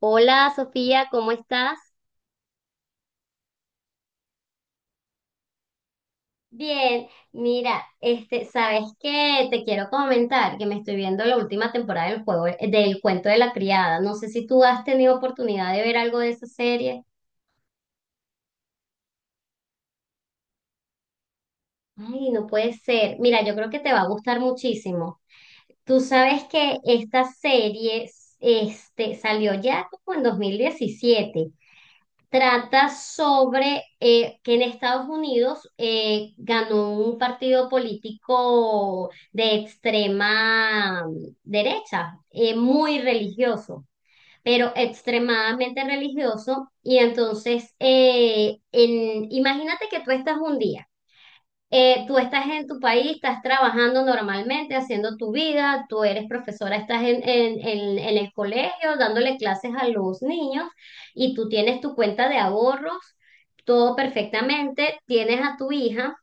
Hola, Sofía, ¿cómo estás? Bien, mira, ¿sabes qué? Te quiero comentar que me estoy viendo la última temporada del cuento de la criada. No sé si tú has tenido oportunidad de ver algo de esa serie. Ay, no puede ser. Mira, yo creo que te va a gustar muchísimo. Tú sabes que esta serie salió ya como en 2017. Trata sobre que en Estados Unidos ganó un partido político de extrema derecha, muy religioso, pero extremadamente religioso. Y entonces, imagínate que tú estás un día. Tú estás en tu país, estás trabajando normalmente, haciendo tu vida, tú eres profesora, estás en el colegio dándole clases a los niños y tú tienes tu cuenta de ahorros, todo perfectamente, tienes a tu hija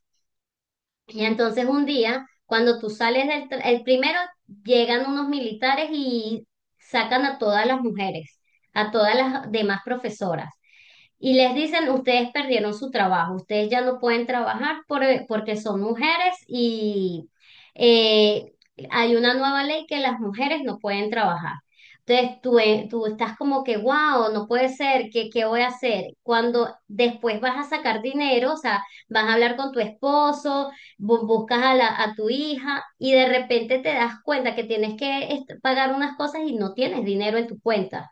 y entonces un día, cuando tú sales el primero llegan unos militares y sacan a todas las mujeres, a todas las demás profesoras y les dicen, ustedes perdieron su trabajo, ustedes ya no pueden trabajar porque son mujeres y eh, hay una nueva ley que las mujeres no pueden trabajar. Entonces tú estás como que, wow, no puede ser, ¿qué voy a hacer? Cuando después vas a sacar dinero, o sea, vas a hablar con tu esposo, buscas a tu hija y de repente te das cuenta que tienes que pagar unas cosas y no tienes dinero en tu cuenta.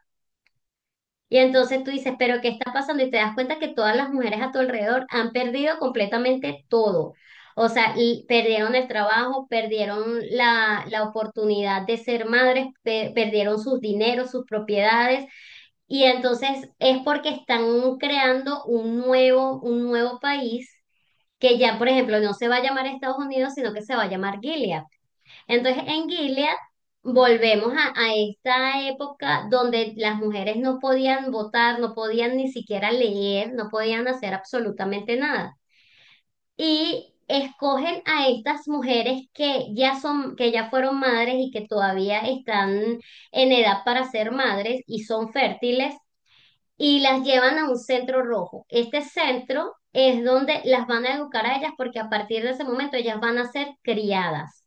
Y entonces tú dices, pero ¿qué está pasando? Y te das cuenta que todas las mujeres a tu alrededor han perdido completamente todo. O sea, y perdieron el trabajo, perdieron la oportunidad de ser madres, perdieron sus dineros, sus propiedades. Y entonces es porque están creando un nuevo país que ya, por ejemplo, no se va a llamar Estados Unidos, sino que se va a llamar Gilead. Entonces, en Gilead volvemos a esta época donde las mujeres no podían votar, no podían ni siquiera leer, no podían hacer absolutamente nada. Y escogen a estas mujeres que ya son, que ya fueron madres y que todavía están en edad para ser madres y son fértiles. Y las llevan a un centro rojo. Este centro es donde las van a educar a ellas porque a partir de ese momento ellas van a ser criadas.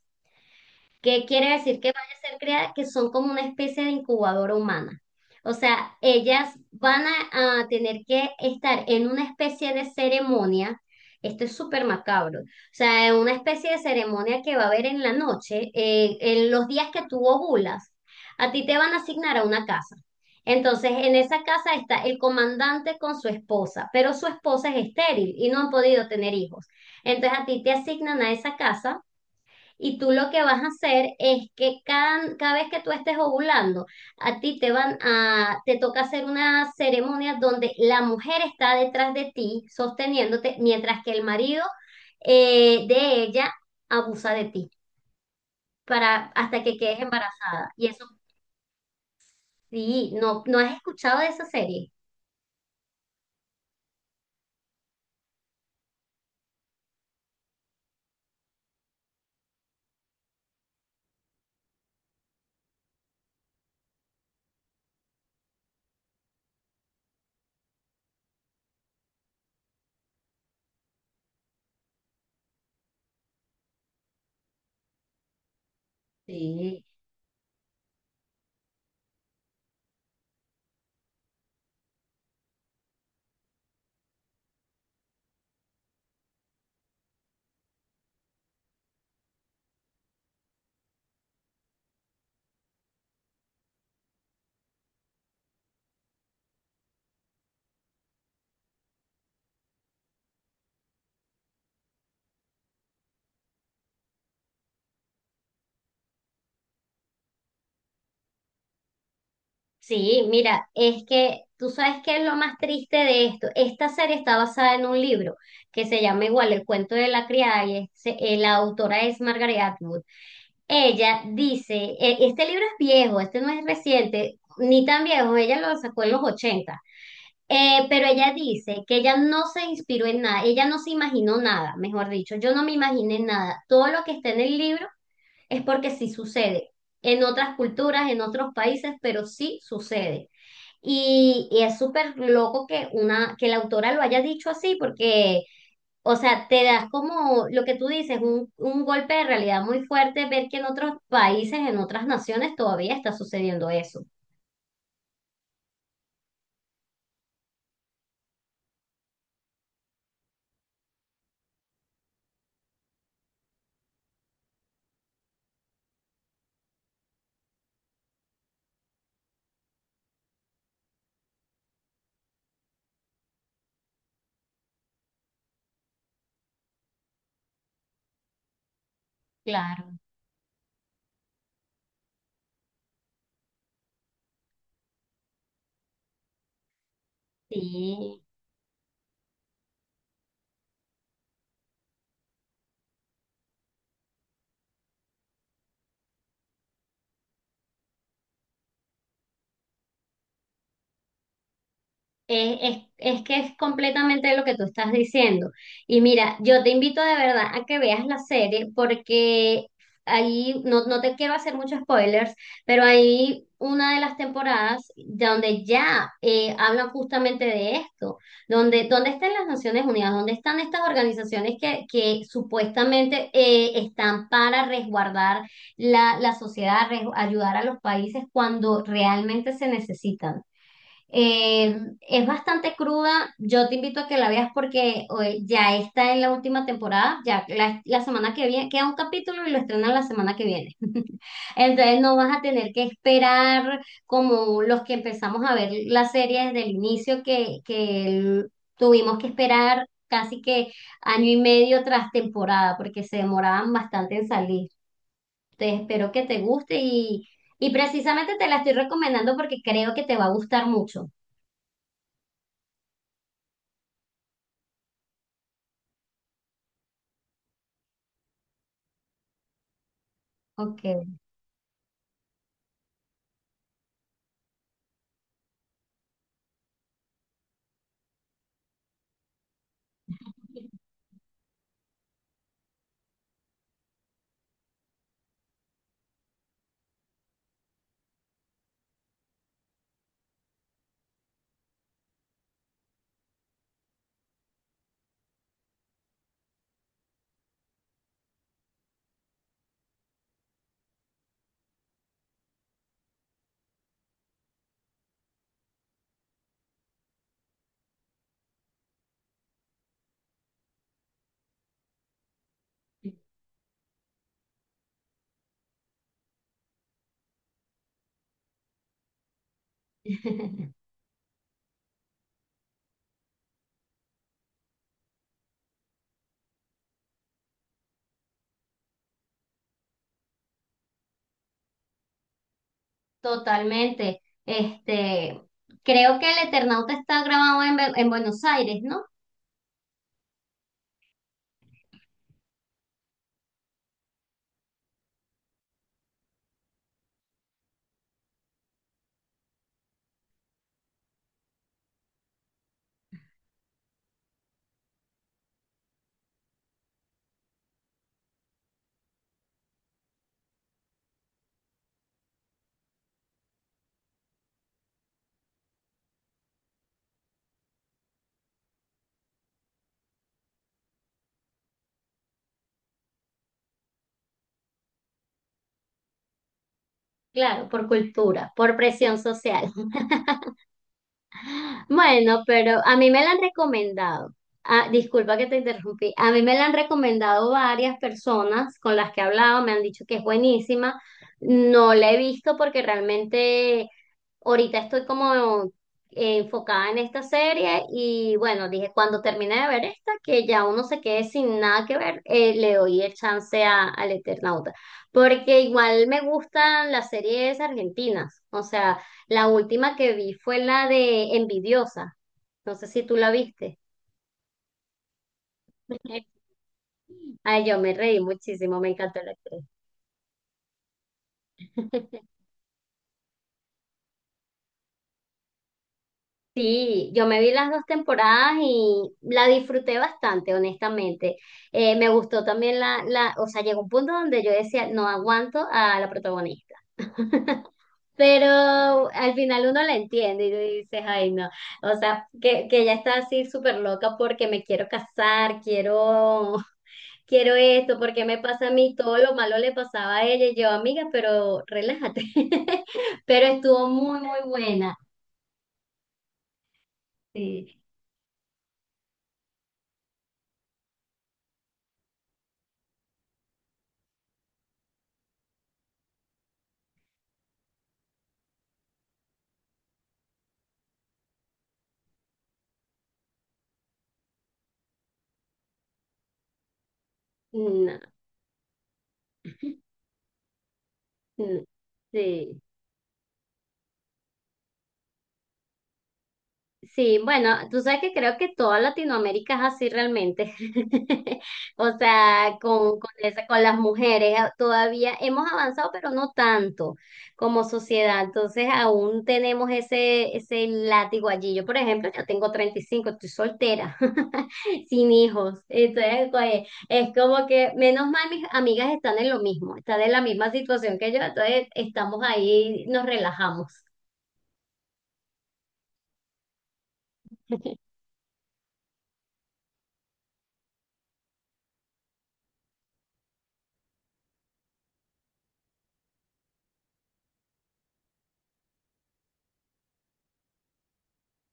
¿Qué quiere decir que van a ser creadas? Que son como una especie de incubadora humana. O sea, ellas van a tener que estar en una especie de ceremonia. Esto es súper macabro. O sea, en una especie de ceremonia que va a haber en la noche, en los días que tú ovulas, a ti te van a asignar a una casa. Entonces, en esa casa está el comandante con su esposa, pero su esposa es estéril y no han podido tener hijos. Entonces, a ti te asignan a esa casa y tú lo que vas a hacer es que cada vez que tú estés ovulando, a ti te toca hacer una ceremonia donde la mujer está detrás de ti, sosteniéndote, mientras que el marido de ella abusa de ti hasta que quedes embarazada. Y eso sí, no, no has escuchado de esa serie. Sí. Sí, mira, es que tú sabes qué es lo más triste de esto. Esta serie está basada en un libro que se llama igual El cuento de la criada y la autora es Margaret Atwood. Ella dice, este libro es viejo, este no es reciente, ni tan viejo, ella lo sacó en los 80. Pero ella dice que ella no se inspiró en nada, ella no se imaginó nada, mejor dicho, yo no me imaginé nada. Todo lo que está en el libro es porque sí sucede en otras culturas, en otros países, pero sí sucede. Y es súper loco que que la autora lo haya dicho así, porque, o sea, te das como lo que tú dices, un golpe de realidad muy fuerte, ver que en otros países, en otras naciones, todavía está sucediendo eso. Claro. Sí. Es que es completamente lo que tú estás diciendo. Y mira, yo te invito de verdad a que veas la serie porque ahí, no, no te quiero hacer muchos spoilers, pero hay una de las temporadas donde ya hablan justamente de esto, donde, ¿dónde están las Naciones Unidas? ¿Dónde están estas organizaciones que supuestamente están para resguardar la sociedad, ayudar a los países cuando realmente se necesitan? Eh, es bastante cruda. Yo te invito a que la veas porque ya está en la última temporada. Ya la semana que viene queda un capítulo y lo estrenan la semana que viene. Entonces no vas a tener que esperar como los que empezamos a ver la serie desde el inicio, tuvimos que esperar casi que año y medio tras temporada porque se demoraban bastante en salir. Entonces espero que te guste y precisamente te la estoy recomendando porque creo que te va a gustar mucho. Ok, totalmente. Este, creo que el Eternauta está grabado en Buenos Aires, ¿no? Claro, por cultura, por presión social. Bueno, pero a mí me la han recomendado. Ah, disculpa que te interrumpí. A mí me la han recomendado varias personas con las que he hablado, me han dicho que es buenísima. No la he visto porque realmente ahorita estoy como enfocada en esta serie y bueno, dije, cuando termine de ver esta, que ya uno se quede sin nada que ver, le doy el chance al Eternauta, porque igual me gustan las series argentinas, o sea, la última que vi fue la de Envidiosa, no sé si tú la viste, ay, yo me reí muchísimo, me encantó la actriz. Sí, yo me vi las dos temporadas y la disfruté bastante, honestamente. Me gustó también o sea, llegó un punto donde yo decía, no aguanto a la protagonista. Pero al final uno la entiende y tú dices, ay, no. O sea, que ella está así súper loca porque me quiero casar, quiero, quiero esto, porque me pasa a mí, todo lo malo le pasaba a ella y yo, amiga, pero relájate. Pero estuvo muy, muy buena. Sí. No, no, sí. Sí, bueno, tú sabes que creo que toda Latinoamérica es así realmente. O sea, con las mujeres todavía hemos avanzado, pero no tanto como sociedad. Entonces, aún tenemos ese látigo allí. Yo, por ejemplo, ya tengo 35, estoy soltera, sin hijos. Entonces, pues, es como que, menos mal, mis amigas están en lo mismo, están en la misma situación que yo. Entonces, estamos ahí, nos relajamos.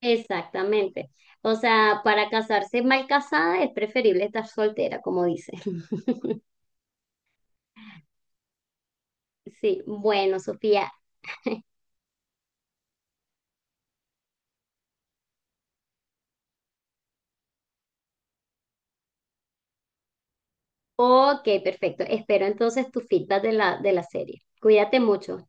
Exactamente. O sea, para casarse mal casada es preferible estar soltera, como dicen. Sí, bueno, Sofía. Ok, perfecto. Espero entonces tu feedback de la serie. Cuídate mucho.